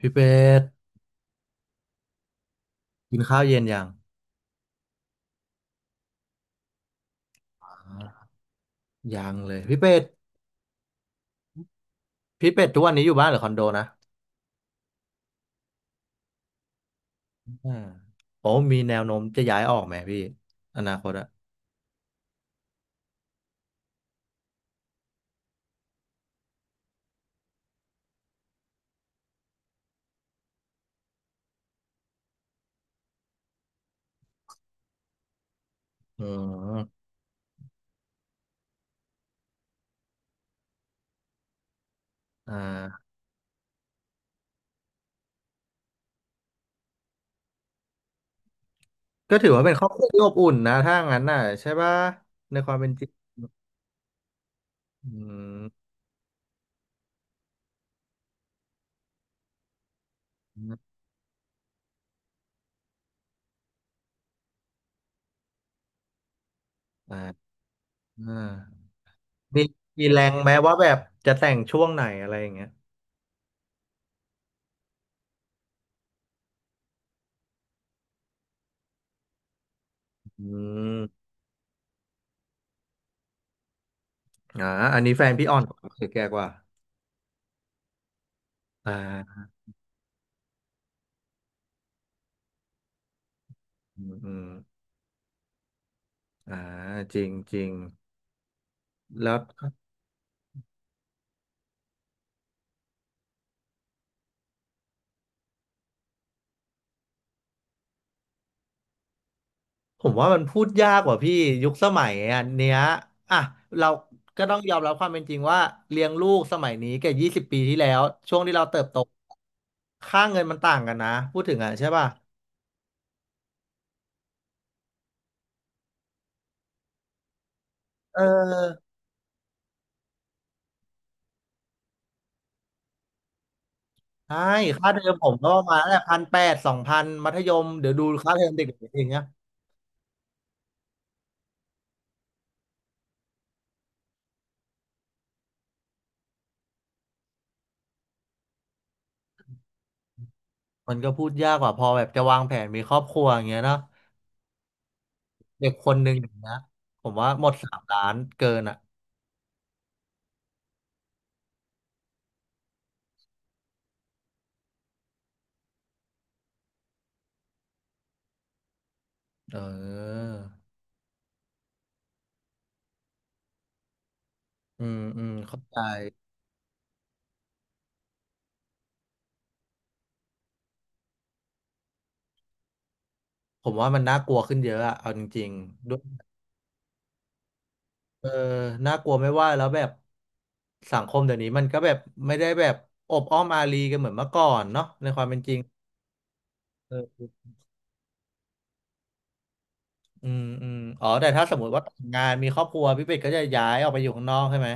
พี่เป็ดกินข้าวเย็นยังอ่ายังเลยพี่เป็ดพี่เป็ดทุกวันนี้อยู่บ้านหรือคอนโดนะอ่าโอ้มีแนวโน้มจะย้ายออกไหมพี่อนาคตอะอืมอ่าก็ถือว่าเป็นครอบครัวที่อบอุ่นนะถ้างั้นน่ะใช่ปะในความเป็นจริงอืมอ่าอ่ามีมีแรงไหมว่าแบบจะแต่งช่วงไหนอะไรอย่างเงี้ยอืมอ่าอันนี้แฟนพี่ออนคือแกกว่าอ่าอืมอืมอ่าจริงจริงแล้ว ผมว่ามันพูดยากกว่าพี่ยุคสมัยอันเนี้ยอ่ะเราก็ต้องยอมรับความเป็นจริงว่าเลี้ยงลูกสมัยนี้กับ20 ปีที่แล้วช่วงที่เราเติบโตค่าเงินมันต่างกันนะพูดถึงอ่ะใช่ป่ะเออใช่ค่าเทอมผมก็ประมาณแหละ1,800สองพันมัธยมเดี๋ยวดูค่าเทอมเด็กๆอย่างเงี้ยมันก็พูดยากกว่าพอแบบจะวางแผนมีครอบครัวอย่างเงี้ยเนาะเด็กคนหนึ่งอย่างเงี้ยผมว่าหมดสามล้านเกินอ่ะเอออืมอืมเข้าใจ ผมว่ามันน่ากลัวขึ้นเยอะอะเอาจริงๆด้วยเออน่ากลัวไม่ว่าแล้วแบบสังคมเดี๋ยวนี้มันก็แบบไม่ได้แบบอบอ้อมอารีกันเหมือนเมื่อก่อนเนาะในความเป็นจริงเอออืมอืมอ๋อแต่ถ้าสมมติว่าแต่งงานมีครอบครัวพี่เป็ดก็จะย้ายออกไปอยู่ข้างนอกใช่ไหม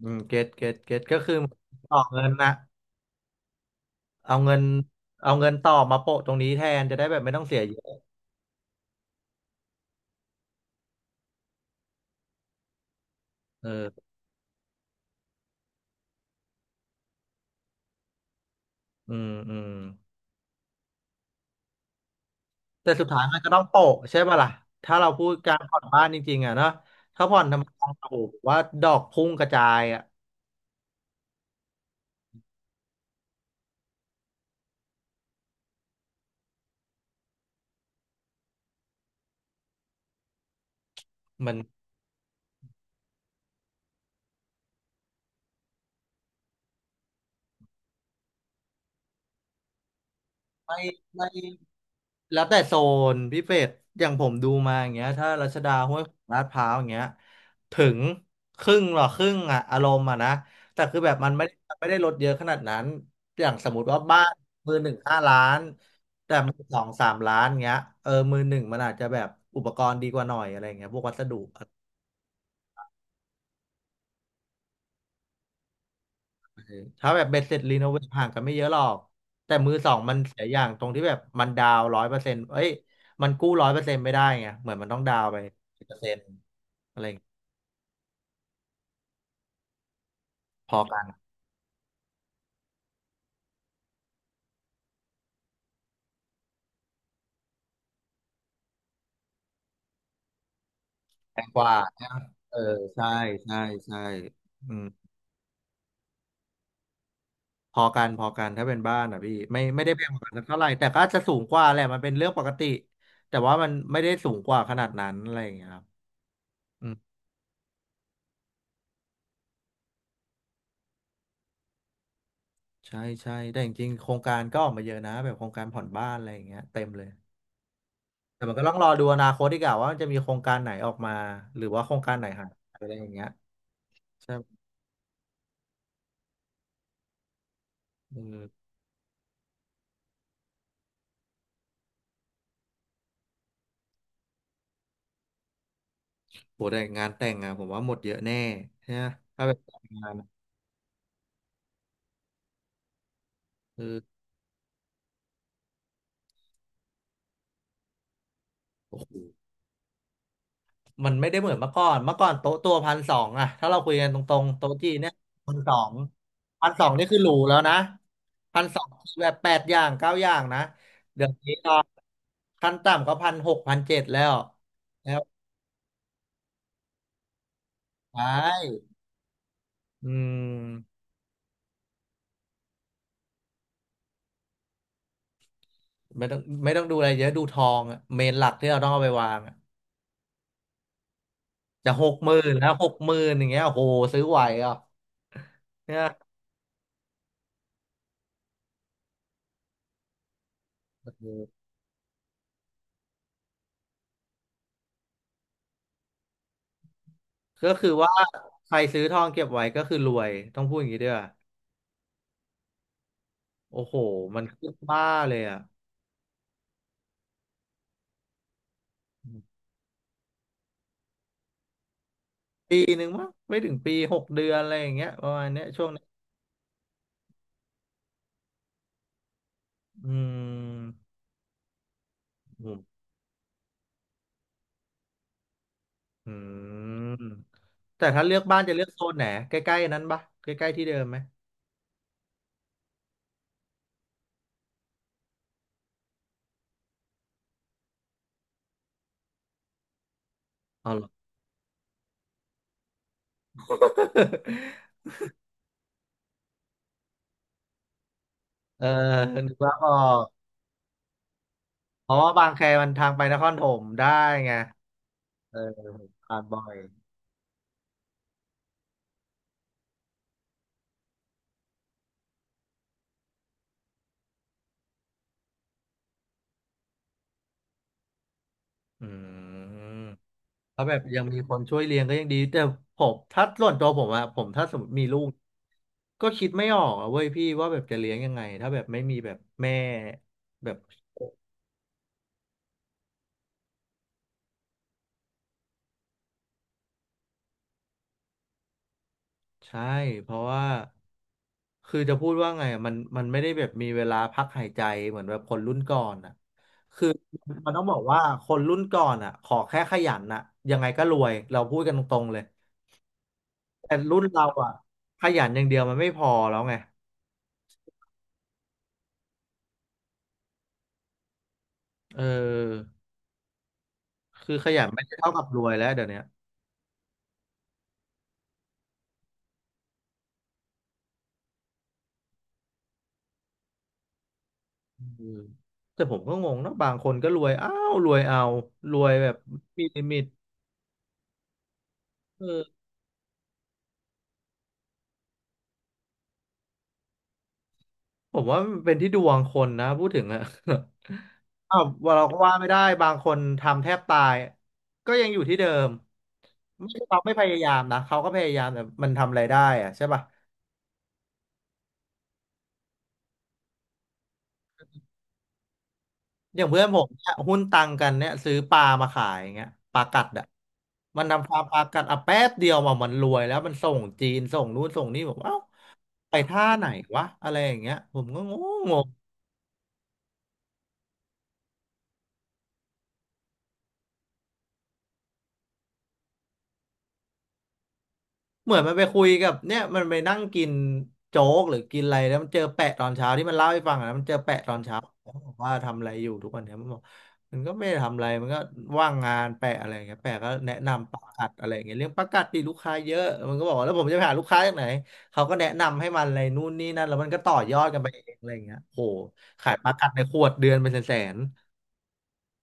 อืมเก็ตเก็ตเก็ตก็คือต่อเงินนะเอาเงินเอาเงินต่อมาโปะตรงนี้แทนจะได้แบบไม่ต้องเสียเยอะเอออืมอืม แต่สุดท้ายมันก็ต้องโปะใช่ป่ะล่ะถ้าเราพูดการผ่อนบ้านจริงๆอ่ะเนาะ ถ้าผ่อนธรรมดาโอ้โหว่าดอกพุ่งกระจายอ่ะมันไม่ไม่แล้วแต่โซนพี่เป็ดอย่างผมดูมาอย่างเงี้ยถ้ารัชดาห้วยขวางลาดพร้าวอย่างเงี้ยถึงครึ่งหรอครึ่งอ่ะอารมณ์อ่ะนะแต่คือแบบมันไม่ได้ลดเยอะขนาดนั้นอย่างสมมติว่าบ้านมือหนึ่ง5 ล้านแต่มือสองสามล้านเงี้ยเออมือหนึ่งมันอาจจะแบบอุปกรณ์ดีกว่าหน่อยอะไรเงี้ยพวกวัสดุ ถ้าแบบเบ็ดเสร็จรีโนเวทห่างกันไม่เยอะหรอกแต่มือสองมันเสียอย่างตรงที่แบบมันดาวร้อยเปอร์เซ็นต์เอ้ยมันกู้ร้อยเปอร์เซ็นต์ไม่ได้ไงเหมือนมันต้องดาวไป10%อะไรอย่างเงี้ยพอกันแพงกว่าเออใช่ใช่ใช่อืมพอกันพอกันถ้าเป็นบ้านอ่ะพี่ไม่ได้แพงกว่ากันสักเท่าไหร่แต่ก็อาจจะสูงกว่าแหละมันเป็นเรื่องปกติแต่ว่ามันไม่ได้สูงกว่าขนาดนั้นอะไรอย่างเงี้ยครับอืมใช่ใช่แต่จริงๆโครงการก็ออกมาเยอะนะแบบโครงการผ่อนบ้านอะไรอย่างเงี้ยเต็มเลย แต่มันก็ต้องรอดูอนาคตดีกว่าว่ามันจะมีโครงการไหนออกมาหรือว่าโครงการไหนหายไปอะไรอย่างเงี้ยใช่ไหมเออโหแต่งานแต่งอะผมว่าหมดเยอะแน่ใช่ไหมถ้าแบบงานอะเออโอ้โหมันไม่ได้เหมือนเมื่อก่อนเมื่อก่อนโต๊ะตัวพันสองอะถ้าเราคุยกันตรงๆโต๊ะจีนเนี่ยพันสองพันสองนี่คือหรูแล้วนะพันสองแบบแปดอย่างเก้าอย่างนะเดี๋ยวนี้ตอนขั้นต่ำก็1,6001,700แล้วแล้วไปอืม ไม่ต้องไม่ต้องดูอะไรเยอะดูทองอะเมนหลักที่เราต้องเอาไปวางอะจะหกหมื่นแล้วหกหมื่นอย่างเงี้ยโอ้โหซื้อไหวเหรอ่ะเนี่ยโอ้โหก็คือว่าใครซื้อทองเก็บไว้ก็คือรวยต้องพูดอย่างนี้ด้วยโอ้โหมันขึ้นบ้าเลยอ่ะปีหนึ่งมั้งไม่ถึงปี6 เดือนอะไรอย่างเงี้ยประมาณเนี้ยช่วงนี้อืมอืมอืมแต่ถ้าเลือกบ้านจะเลือกโซนไหนใกล้ๆนั้นปะใกล้ๆที่เดิมไหมอ๋อเหรอ เออนึกว่าออก เพราะว่าบางแคมันทางไปนครปฐมได้ไงเออผมผ่านบ่อยอืมเพาะแบบยังมีคนช่วยเลี้ยงก็ยังดีแต่ผมถ้าส่วนตัวผมอะผมถ้าสมมติมีลูกก็คิดไม่ออกอะเว้ยพี่ว่าแบบจะเลี้ยงยังไงถ้าแบบไม่มีแบบแม่แบบใช่เพราะว่าคือจะพูดว่าไงอะมันมันไม่ได้แบบมีเวลาพักหายใจเหมือนแบบคนรุ่นก่อนอะคือมันต้องบอกว่าคนรุ่นก่อนอะขอแค่ขยันอะยังไงก็รวยเราพูดกันตรงๆเลย แต่รุ่นเราอ่ะขยันอย่างเดียวมันไม่พอแล้วไงเออคือขยันไม่ได้เท่ากับรวยแล้วเดี๋ยวเนี้ยอืมแต่ผมก็งงนะบางคนก็รวยอ้าวรวยเอารวยแบบไมมีลิมิตเออผมว่ามันเป็นที่ดวงคนนะพูดถึงอะ อ้าว่าเราก็ว่าไม่ได้บางคนทำแทบตายก็ยังอยู่ที่เดิมไม่ใช่เขาไม่พยายามนะเขาก็พยายามแต่มันทำอะไรได้อะใช่ป่ะ อย่างเพื่อนผมเนี่ยหุ้นตังกันเนี่ยซื้อปลามาขายอย่างเงี้ยปลากัดอ่ะมันนำปลาปลากัดอ่ะแป๊บเดียวมามันรวยแล้วมันส่งจีนส่งนู้นส่งนี่ผมเอ้าไปท่าไหนวะอะไรอย่างเงี้ยผมก็งงง เหมือนมันไปคุยกับเนี่ยมันไปนั่งกินโจ๊กหรือกินอะไรแล้วมันเจอแปะตอนเช้าที่มันเล่าให้ฟังอะนะมันเจอแปะตอนเช้าบอกว่าทำอะไรอยู่ทุกวันเนี่ยมันบอกมันก็ไม่ได้ทำอะไรมันก็ว่างงานแปะอะไรอย่างเงี้ยแปะก็แนะนำประกัดอะไรอย่างเงี้ยเรื่องประกัดปีลูกค้าเยอะมันก็บอกว่าแล้วผมจะไปหาลูกค้าจากไหนเขาก็แนะนำให้มันอะไรนู่นนี่นั่นแล้วมันก็ต่อยอดกันไปเองอะไรอย่างเงี้ยโหขายประกัดในขวดเดือนเป็นแสน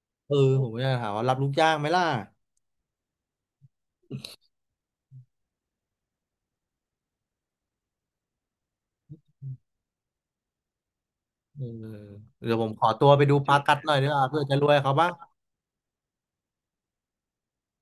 ๆเออผมก็จะถามว่ารับลูกจ้างไหมล่ะเออเดี๋ยวผมขอตัวไปดูประกัดหน่อยดีกว่าเพื่อจะรวยเขาบ้าง